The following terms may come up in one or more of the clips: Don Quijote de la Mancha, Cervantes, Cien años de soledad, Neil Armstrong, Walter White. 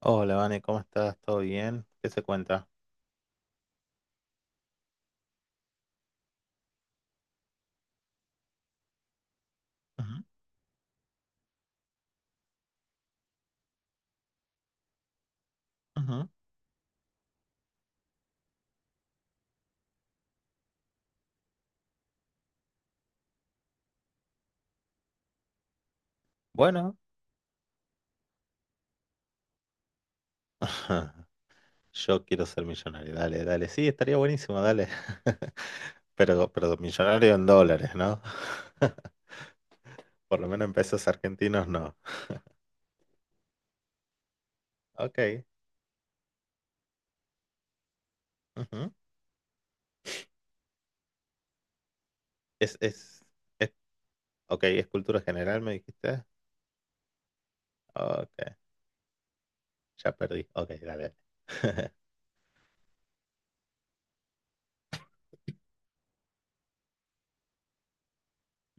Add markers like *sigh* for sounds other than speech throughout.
Hola, Vane, ¿cómo estás? ¿Todo bien? ¿Qué se cuenta? Ujú, ujú. Bueno, *laughs* yo quiero ser millonario. Dale, dale. Sí, estaría buenísimo, dale. *laughs* Pero millonario en dólares, ¿no? *laughs* Por lo menos en pesos argentinos no. Ok. Ujú. Es, es, es, ok, es cultura general, me dijiste. Ok, ya perdí. Ok, dale. *laughs* dale.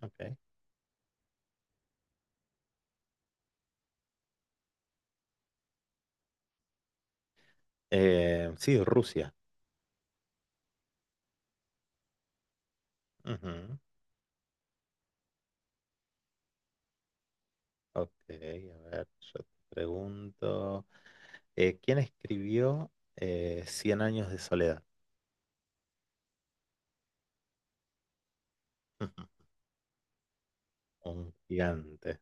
Ok. Sí, Rusia. Ujú. Ok, a ver, yo te pregunto. ¿Quién escribió Cien años de soledad? *laughs* Un gigante.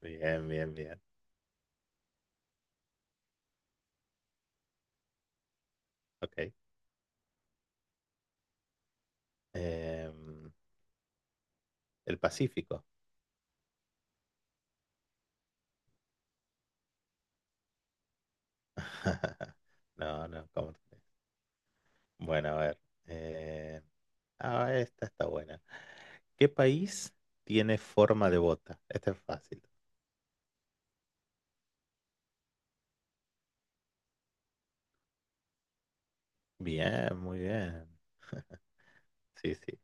Bien, bien, bien. Ok. Em, el Pacífico. *laughs* No, no, ¿cómo te- Bueno, a ver. eh, esta está buena. ¿Qué país tiene forma de bota? Esta es fácil. Bien, muy bien. Sí, sí.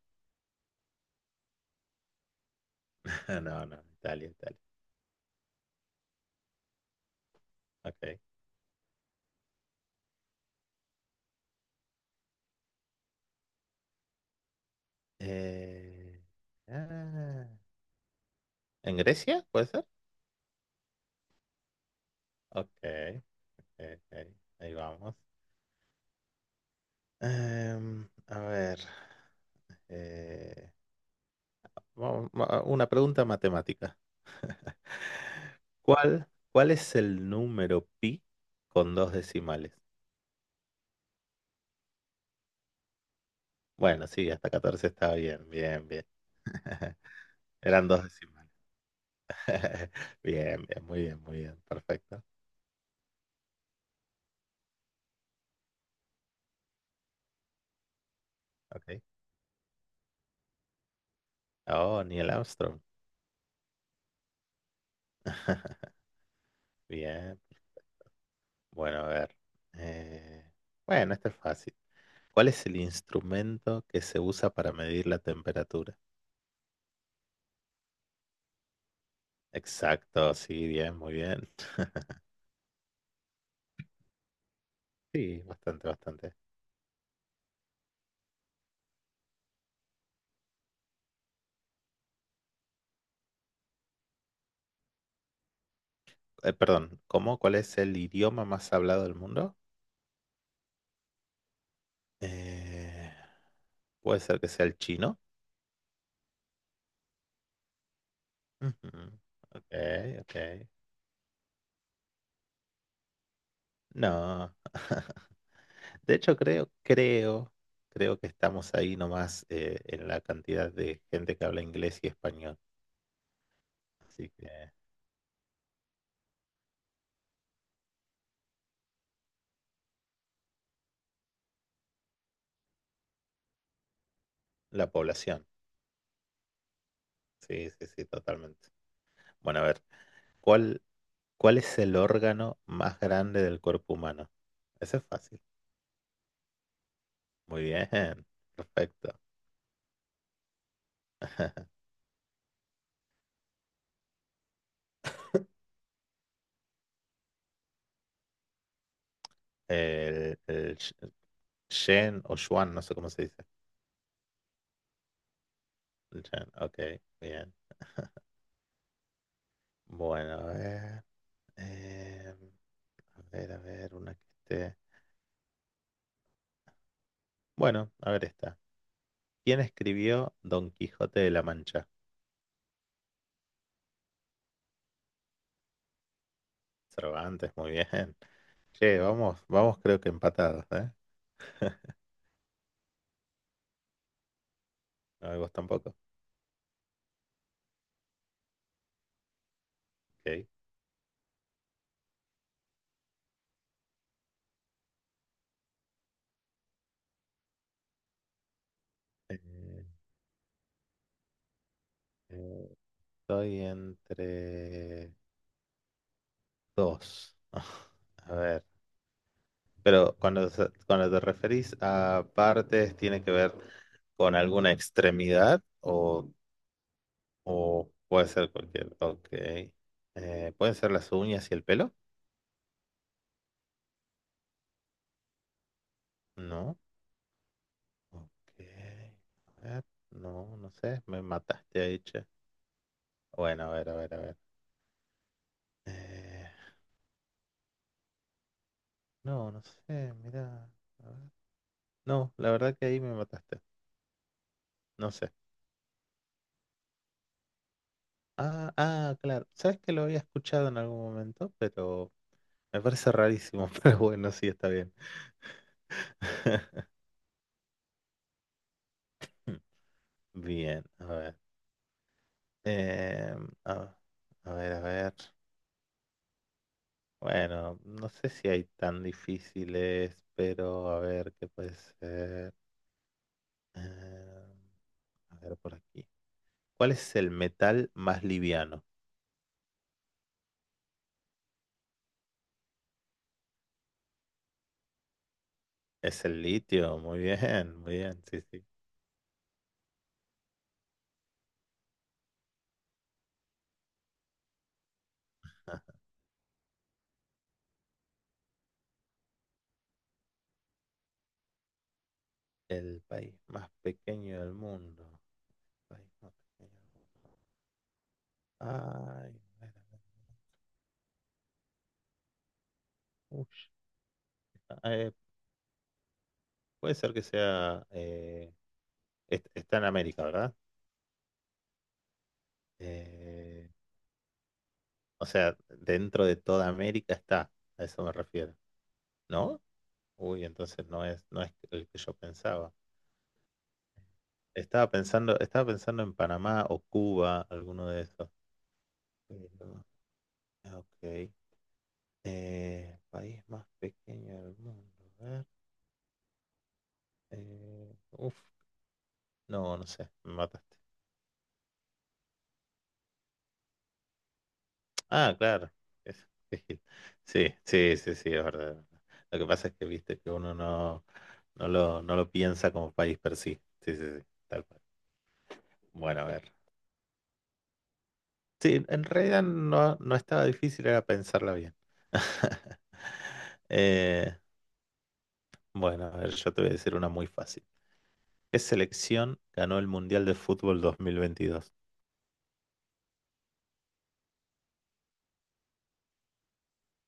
*laughs* No, no, Italia, Italia. Ok. Eh, ah, ¿En Grecia? ¿Puede ser? Ok, ok, ok. Ahí vamos. A ver, eh, una pregunta matemática. ¿Cuál es el número pi con dos decimales? Bueno, sí, hasta catorce está bien, bien, bien. *laughs* Eran dos decimales. *laughs* Bien, bien, muy bien, muy bien, perfecto. ¿Ok? Oh, Neil Armstrong. Bien. Bueno, a ver. eh, bueno, este es fácil. ¿Cuál es el instrumento que se usa para medir la temperatura? Exacto, sí, bien, muy bien. Sí, bastante, bastante. Perdón, ¿cómo? ¿Cuál es el idioma más hablado del mundo? Eh, puede ser que sea el chino. Ujú. Ok, ok. No. *laughs* De hecho, creo que estamos ahí nomás en la cantidad de gente que habla inglés y español. Así que la población. Sí, sí, sí, totalmente. Bueno, a ver, ¿cuál, cuál es el órgano más grande del cuerpo humano? Ese es fácil. Muy bien, perfecto. *laughs* El Shen o Xuan, no sé cómo se dice. El Shen, ok, bien. Bueno, a ver. eh, a ver, a ver, una que esté. Bueno, a ver esta. ¿Quién escribió Don Quijote de la Mancha? Cervantes, muy bien. *laughs* Che, vamos, vamos, creo que empatados, ¿eh? *laughs* No, vos tampoco. Ok. Eh, eh, estoy entre dos. *laughs* A ver. Pero cuando te referís a partes, ¿tiene que ver con alguna extremidad o puede ser cualquier? Ok. ¿Pueden ser las uñas y el pelo? No. Ok. A ver, no, no sé. Me mataste ahí, che. Bueno, a ver, a ver, a ver. Eh, no, no sé. Mira. A ver. No, la verdad que ahí me mataste. No sé. Ah, ah, claro. ¿Sabes que lo había escuchado en algún momento? Pero me parece rarísimo. *laughs* Pero bueno, sí, está bien. *laughs* Bien, a ver. Eh, a, a ver, a ver. Bueno, no sé si hay tan difíciles, pero a ver qué puede ser. Eh, a ver por aquí. ¿Cuál es el metal más liviano? Es el litio, muy bien, sí, sí. El país más pequeño del mundo. País más pequeño del mundo. Ay, a ver, a ver. Ush. Eh, puede ser que sea... está en América, ¿verdad? Eh, O sea, dentro de toda América está, a eso me refiero, ¿no? Uy, no es el que yo pensaba. Estaba pensando en Panamá o Cuba, alguno de esos. Pero, ah, ok. País más pequeño del mundo. A ver. eh, uf, no, no sé, me mataste. Ah, claro. es- *laughs* Sí, sí, sí, sí, es verdad. Es verdad. Lo que pasa es que viste que uno no, no lo piensa como país per sí. Sí, sí, sí, tal cual. Bueno, a ver. Sí, en realidad no, no estaba difícil, era pensarla bien. *laughs* Eh, bueno, a ver, yo te voy a decir una muy fácil. ¿Qué selección ganó el Mundial de Fútbol 2022?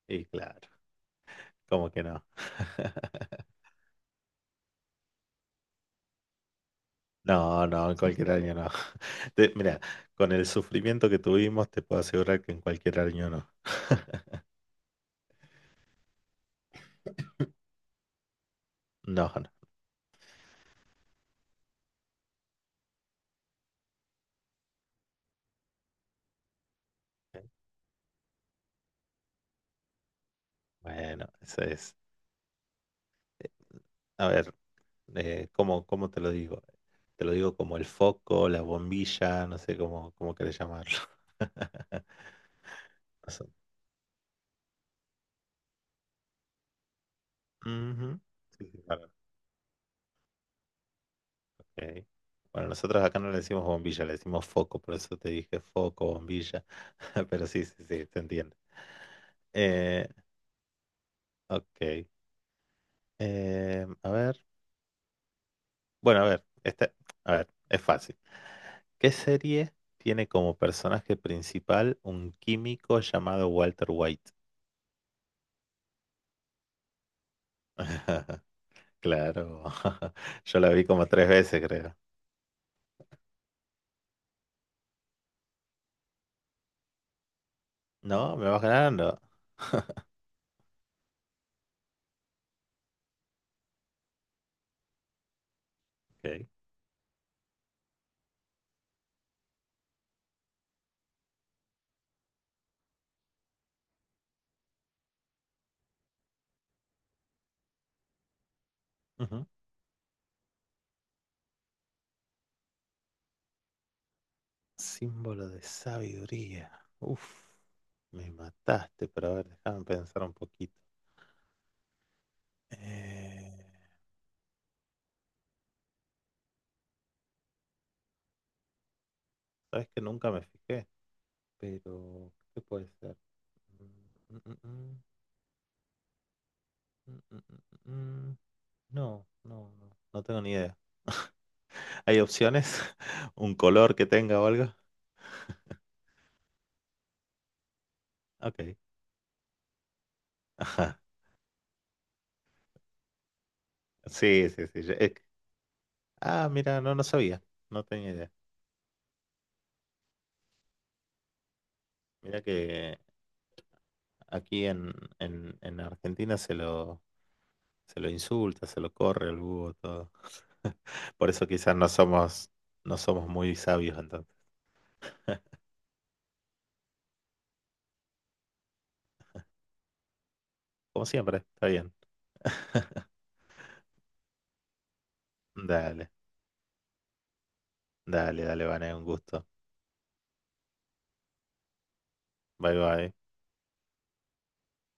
Y claro, ¿cómo que no? *laughs* No, no, en cualquier año no. *laughs* Te- mira, con el sufrimiento que tuvimos, te puedo asegurar que en cualquier año no. *laughs* No, no. Bueno, eso es. eh, A ver, ¿cómo, cómo te lo digo? Te lo digo como el foco, la bombilla, no sé cómo, cómo querés llamarlo. *laughs* Noso- Ujú. Sí, sí, para- ok. Bueno, nosotros acá no le decimos bombilla, le decimos foco, por eso te dije foco, bombilla, *laughs* pero sí, sí, sí, te entiendo. Eh, ok. A ver. Bueno, a ver, este, a ver, es fácil. ¿Qué serie tiene como personaje principal un químico llamado Walter White? Claro, *laughs* yo la vi como tres veces, creo. No, me vas ganando. Ok. Ujú. Símbolo de sabiduría. Uf, me mataste, pero a ver, déjame pensar un poquito. Eh, sabes que nunca me fijé, pero ¿qué puede ser? Mm, mm, mm, mm, mm, mm, mm. Mm. No, no, no, no tengo ni idea. ¿Hay opciones? *laughs* ¿Un color que tenga o algo? Ok. *laughs* Ajá. Sí, sí, sí. yo- ah, mira, no, no sabía. No tenía idea. Mira que aquí en en Argentina se lo insulta, se lo corre el búho, todo. *laughs* Por eso quizás no somos, no somos muy sabios entonces. Como siempre, está bien. *laughs* Dale, dale, dale, Vané, un gusto. Bye bye.